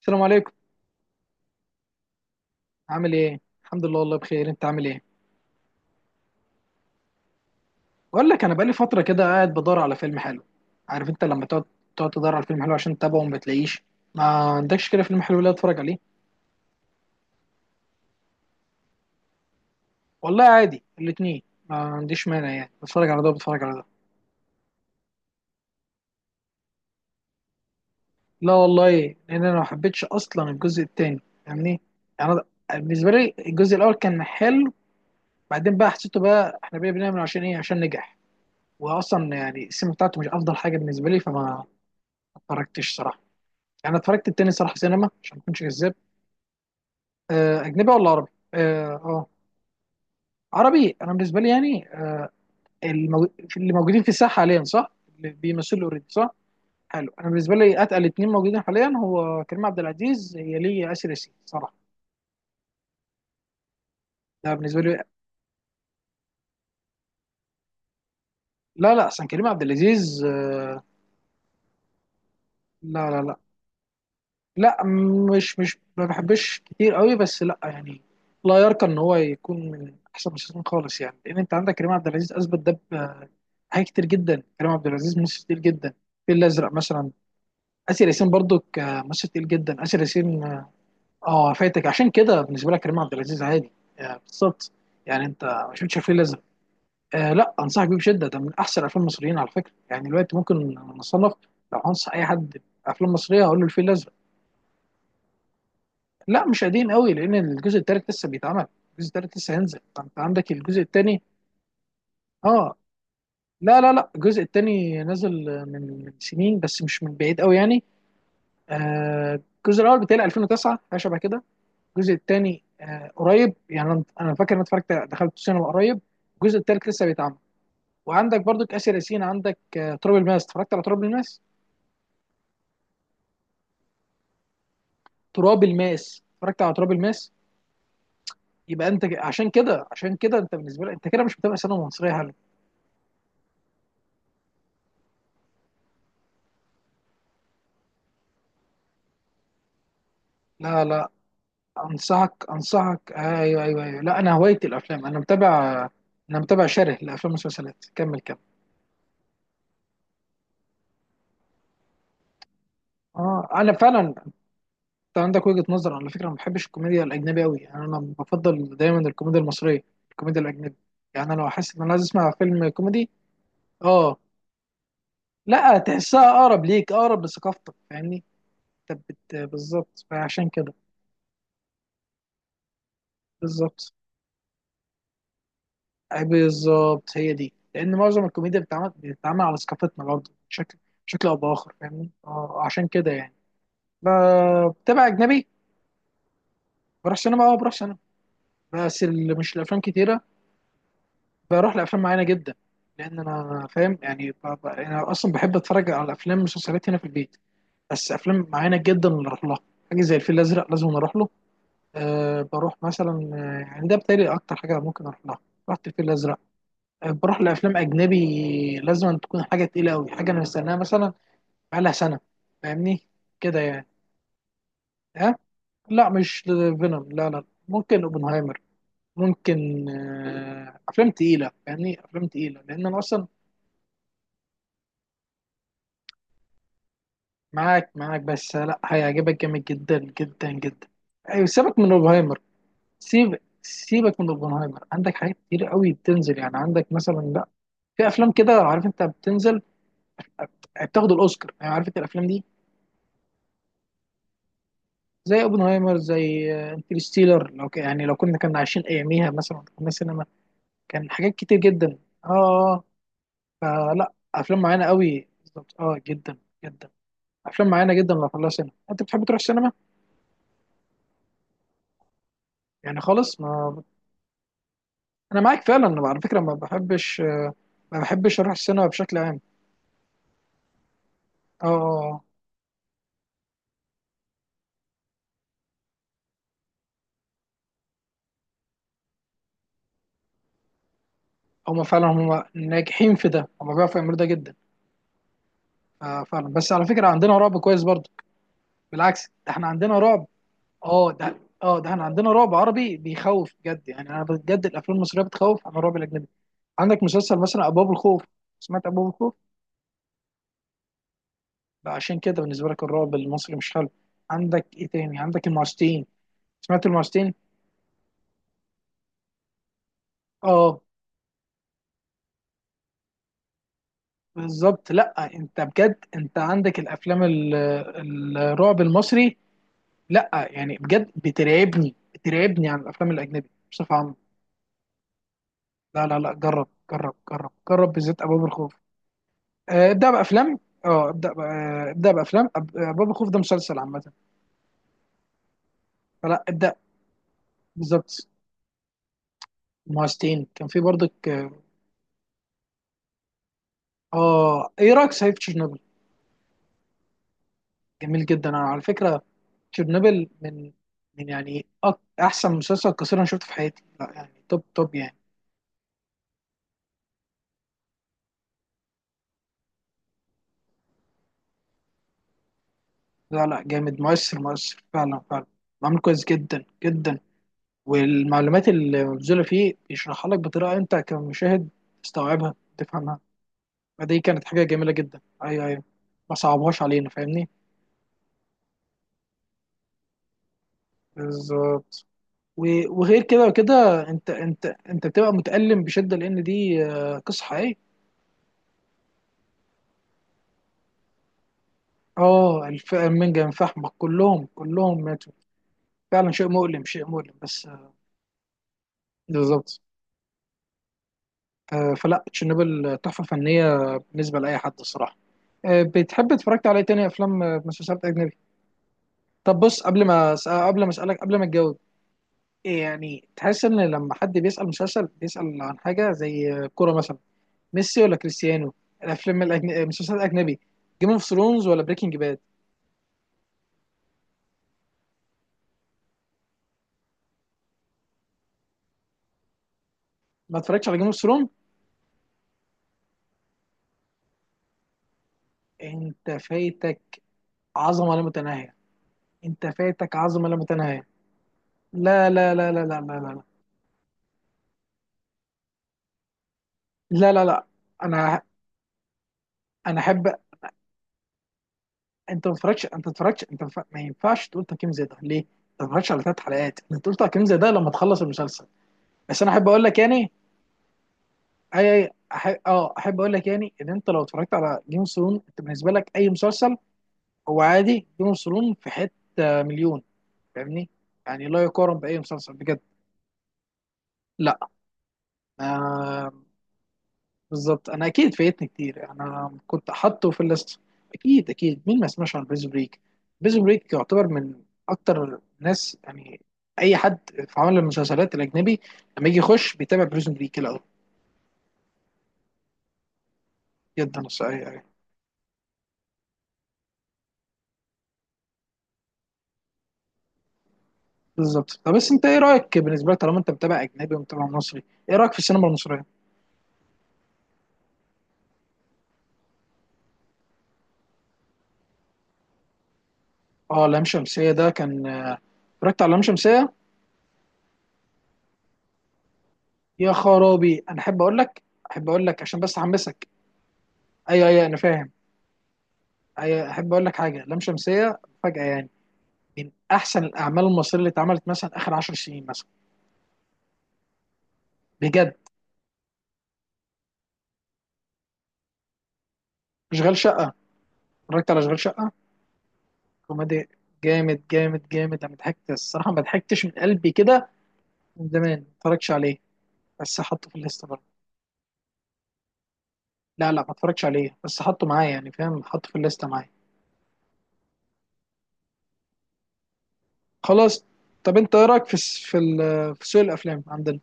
السلام عليكم. عامل ايه؟ الحمد لله والله بخير، انت عامل ايه؟ بقول لك انا بقالي فتره كده قاعد بدور على فيلم حلو. عارف انت لما تقعد تدور على فيلم حلو عشان تتابعه وما بتلاقيش؟ ما عندكش كده فيلم حلو لا اتفرج عليه؟ والله عادي الاتنين، ما عنديش مانع، يعني بتفرج على ده وبتفرج على ده. لا والله، لان انا ما حبيتش اصلا الجزء التاني، فاهمني؟ يعني انا بالنسبه لي الجزء الاول كان حلو، بعدين بقى حسيته بقى احنا بقى بنعمل عشان ايه، عشان نجح. واصلا يعني السينما بتاعته مش افضل حاجه بالنسبه لي، فما اتفرجتش صراحه. يعني اتفرجت التاني صراحه سينما عشان ما اكونش كذاب. اجنبي ولا عربي؟ اه عربي. انا بالنسبه لي يعني اللي موجودين في الساحه حاليا، صح؟ اللي بيمثلوا اوريدي، صح. حلو. انا بالنسبه لي اتقل اتنين موجودين حاليا هو كريم عبد العزيز هي لي ياسر ياسين صراحه. ده بالنسبه لي. لا لا، اصلا كريم عبد العزيز لا لا لا، لا مش ما بحبش كتير قوي، بس لا يعني، لا يرقى ان هو يكون من احسن المسلسلين خالص. يعني لان انت عندك كريم عبد العزيز، اثبت ده حاجات كتير جدا. كريم عبد العزيز ممثل كتير جدا. الفيل الازرق مثلا. اسر ياسين برضو ممثل كتير جدا، اسر ياسين. اه فاتك، عشان كده بالنسبه لك كريم عبد العزيز عادي. بالظبط. يعني انت ما شفتش الفيل الازرق. آه لا، انصحك بيه بشده، ده من احسن الافلام المصريين على فكره. يعني دلوقتي ممكن نصنف، لو هنصح اي حد افلام مصريه، هقول له الفيل الازرق. لا مش قديم قوي، لان الجزء الثالث لسه بيتعمل، الجزء الثالث لسه هينزل، فانت عندك الجزء الثاني. اه لا لا لا، الجزء الثاني نزل من سنين، بس مش من بعيد قوي يعني. آه، الجزء الاول بتاعي 2009 حاجه شبه كده، الجزء الثاني آه قريب. يعني أنا فاكر ان اتفرجت دخلت السينما قريب. الجزء الثالث لسه بيتعمل. وعندك برضك اسر ياسين، عندك تراب الماس. اتفرجت على تراب الماس؟ تراب الماس، اتفرجت على تراب الماس؟ يبقى انت عشان كده، انت بالنسبه لك انت كده مش بتابع سينما مصريه. هلا. لا لا، انصحك ايوه ايوه ايوه. لا انا هوايتي الافلام، انا متابع. انا متابع شره لافلام والمسلسلات. كمل كمل. اه انا فعلا، انت عندك وجهه نظر على فكره. ما بحبش الكوميديا الاجنبيه قوي، يعني انا بفضل دايما الكوميديا المصريه. الكوميديا الاجنبيه، يعني انا لو حاسس ان انا عايز اسمع فيلم كوميدي. اه لا، تحسها اقرب ليك، اقرب لثقافتك، فاهمني. بالظبط، فعشان كده بالظبط. أي بالظبط، هي دي. لان معظم الكوميديا بتتعمل على ثقافتنا برضه، بشكل او باخر، فاهمني. اه، عشان كده يعني بتابع اجنبي. بروح سينما، اه بروح سينما، بس اللي مش الافلام كتيره. بروح لافلام معينه جدا، لان انا فاهم يعني انا اصلا بحب اتفرج على افلام مسلسلات هنا في البيت. بس افلام معينه جدا اللي اروح لها. حاجه زي الفيل الازرق لازم أنا اروح له. أه بروح مثلا، يعني ده بتهيألي اكتر حاجه ممكن اروح لها. رحت الفيل الازرق. بروح لافلام اجنبي لازم أن تكون حاجه تقيله قوي، حاجه انا مستناها مثلا بقالها سنه، فاهمني، كده يعني. ها؟ لا مش فينوم، لا لا، ممكن اوبنهايمر. ممكن افلام تقيله، فاهمني، افلام تقيله لان انا اصلا. معاك معاك، بس لا هيعجبك جامد جدا جدا جدا. ايوه سيبك من اوبنهايمر. سيبك من اوبنهايمر، عندك حاجات كتير قوي بتنزل. يعني عندك مثلا، لا في افلام كده، عارف انت، بتنزل بتاخد الاوسكار، يعني عارف انت الافلام دي. زي اوبنهايمر، زي انترستيلر. لو يعني لو كنا عايشين اياميها مثلا كنا سينما. كان حاجات كتير جدا. اه فلا افلام معينه قوي، بالظبط، اه جدا جدا. افلام معينه جدا لو خلاها سينما انت بتحب تروح السينما يعني خالص. ما انا معاك فعلا على فكره، ما بحبش اروح السينما بشكل عام. اه هما فعلا هما ناجحين في ده، هما بيعرفوا يعملوا ده جدا. آه فعلا، بس على فكره عندنا رعب كويس برضه. بالعكس، ده احنا عندنا رعب. اه ده، اه ده احنا عندنا رعب عربي بيخوف بجد. يعني انا بجد الافلام المصريه بتخوف عن الرعب الاجنبي. عندك مسلسل مثلا ابواب الخوف. سمعت ابواب الخوف؟ بقى عشان كده بالنسبه لك الرعب المصري مش حلو. عندك ايه تاني، عندك المعستين. سمعت المعستين؟ اه بالظبط. لا انت بجد انت عندك الافلام الرعب المصري لا يعني بجد بترعبني، عن الافلام الاجنبي بصفه عامه. لا لا لا جرب جرب جرب بالذات ابواب الخوف. ابدأ بأفلام. اه ابدأ ابدأ بأفلام باب الخوف، ده مسلسل عامة. فلا ابدأ بالظبط. مهستين كان في برضك اه. ايه رأيك صحيح في تشيرنوبل؟ جميل جدا، انا على فكرة تشيرنوبل من يعني احسن مسلسل قصير انا شفته في حياتي، لا يعني توب توب يعني. لا لا جامد، مؤثر مؤثر فعلا فعلا. معمول كويس جدا جدا. والمعلومات اللي مبذولة فيه بيشرحها لك بطريقة انت كمشاهد تستوعبها تفهمها. فدي كانت حاجه جميله جدا، ايوه ايوه. ما صعبهاش علينا، فاهمني. بالظبط، وغير كده وكده. انت بتبقى متألم بشده لان دي قصه حقيقيه. اه المنجم فحمك كلهم كلهم ماتوا. فعلا شيء مؤلم، شيء مؤلم، بس بالظبط. فلا تشيرنوبل تحفه فنيه بالنسبه لاي حد الصراحه. بتحب اتفرجت على ايه تاني، افلام مسلسلات اجنبي؟ طب بص، قبل ما قبل ما اسالك قبل ما تجاوب، يعني تحس ان لما حد بيسأل مسلسل بيسأل عن حاجة زي كورة مثلا، ميسي ولا كريستيانو. الافلام مسلسلات الاجنبي، جيم اوف ثرونز ولا بريكنج باد؟ ما اتفرجتش على جيم اوف ثرونز. انت فايتك عظمة لا متناهية انت فايتك عظمة لا متناهية. لا لا لا لا لا لا، لا لا لا لا. انا احب. انت ما اتفرجتش، انت ما ينفعش تقول تقييم زي ده ليه؟ انت ما اتفرجتش على ثلاث حلقات انت تقول تقييم زي ده لما تخلص المسلسل. بس انا احب اقول لك يعني، اي احب اقول لك، يعني ان انت لو اتفرجت على جيم اوف ثرون انت بالنسبه لك اي مسلسل هو عادي. جيم اوف ثرون في حته مليون، فاهمني، يعني لا يقارن باي مسلسل بجد. لا. آه بالظبط، انا اكيد فايتني كتير، انا كنت حاطه في الليست. اكيد اكيد، مين ما سمعش عن بريزون بريك. بريزون بريك يعتبر من اكتر ناس يعني، اي حد في عالم المسلسلات الاجنبي لما يجي يخش بيتابع بريزون بريك الاول. جدا بالظبط. طب بس انت ايه رايك، بالنسبه لك طالما انت متابع اجنبي ومتابع مصري، ايه رايك في السينما المصريه؟ اه لام شمسيه ده كان. اتفرجت على لام شمسيه؟ يا خرابي، انا احب اقول لك، احب اقول لك عشان بس احمسك. ايوه ايوه انا فاهم. ايوه احب اقول لك حاجه، لام شمسيه فجاه يعني من احسن الاعمال المصريه اللي اتعملت مثلا اخر 10 سنين مثلا. بجد اشغال شقه؟ اتفرجت على اشغال شقه؟ كوميدي جامد جامد. انا ضحكت الصراحه، ما ضحكتش من قلبي كده من زمان. ما اتفرجتش عليه بس حطه في الليسته. لا لا ما اتفرجتش عليه بس حطه معايا يعني، فاهم، حطه في الليسته معايا. خلاص. طب انت ايه رايك في في في سوق الافلام عندنا؟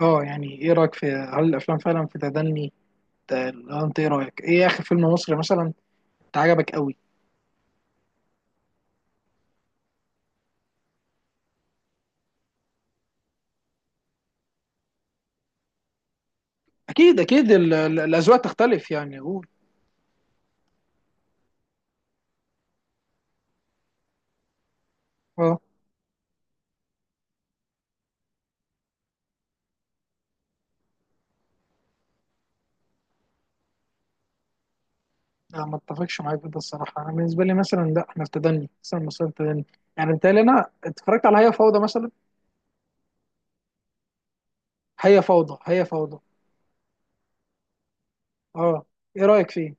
اه يعني ايه رايك في، هل الافلام فعلا في تدني؟ ت- انت ايه رايك، ايه اخر فيلم مصري مثلا انت عجبك قوي؟ اكيد اكيد الاذواق تختلف يعني، قول. اه لا، ما اتفقش معاك في ده الصراحه. انا بالنسبه لي مثلا لا، احنا في تدني مثلا، مصر في تدني. يعني بتهيألي، انا اتفرجت على هي فوضى مثلا. هي فوضى، هي فوضى. اه ايه رايك فيه؟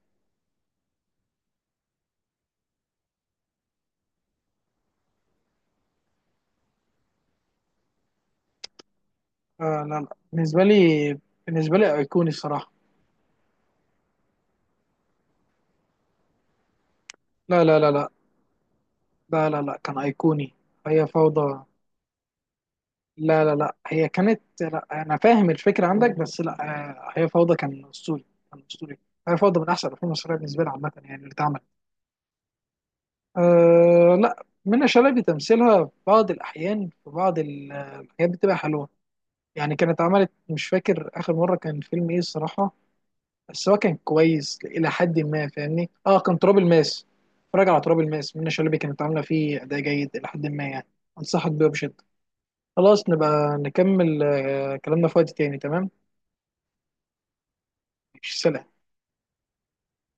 آه لا لا، بالنسبة لي أيقوني الصراحة. لا لا لا لا لا لا، لا كان أيقوني. هي فوضى، لا لا لا، هي كانت، لا أنا فاهم الفكرة عندك بس لا. آه هي فوضى كان أسطوري، كان أسطوري. هي فوضى من أحسن الأفلام المصرية بالنسبة لي عامة، يعني اللي اتعمل. آه لا، منى شلبي تمثيلها في بعض الأحيان في بعض الحاجات بتبقى حلوة يعني. كانت عملت مش فاكر آخر مرة كان فيلم إيه الصراحة، بس هو كان كويس الى حد ما، فاهمني، اه كان تراب الماس. اتفرج على تراب الماس، منى شلبي كانت عامله فيه اداء جيد الى حد ما يعني. انصحك بيه بشده. خلاص نبقى نكمل كلامنا في وقت تاني، تمام. ماشي، سلام.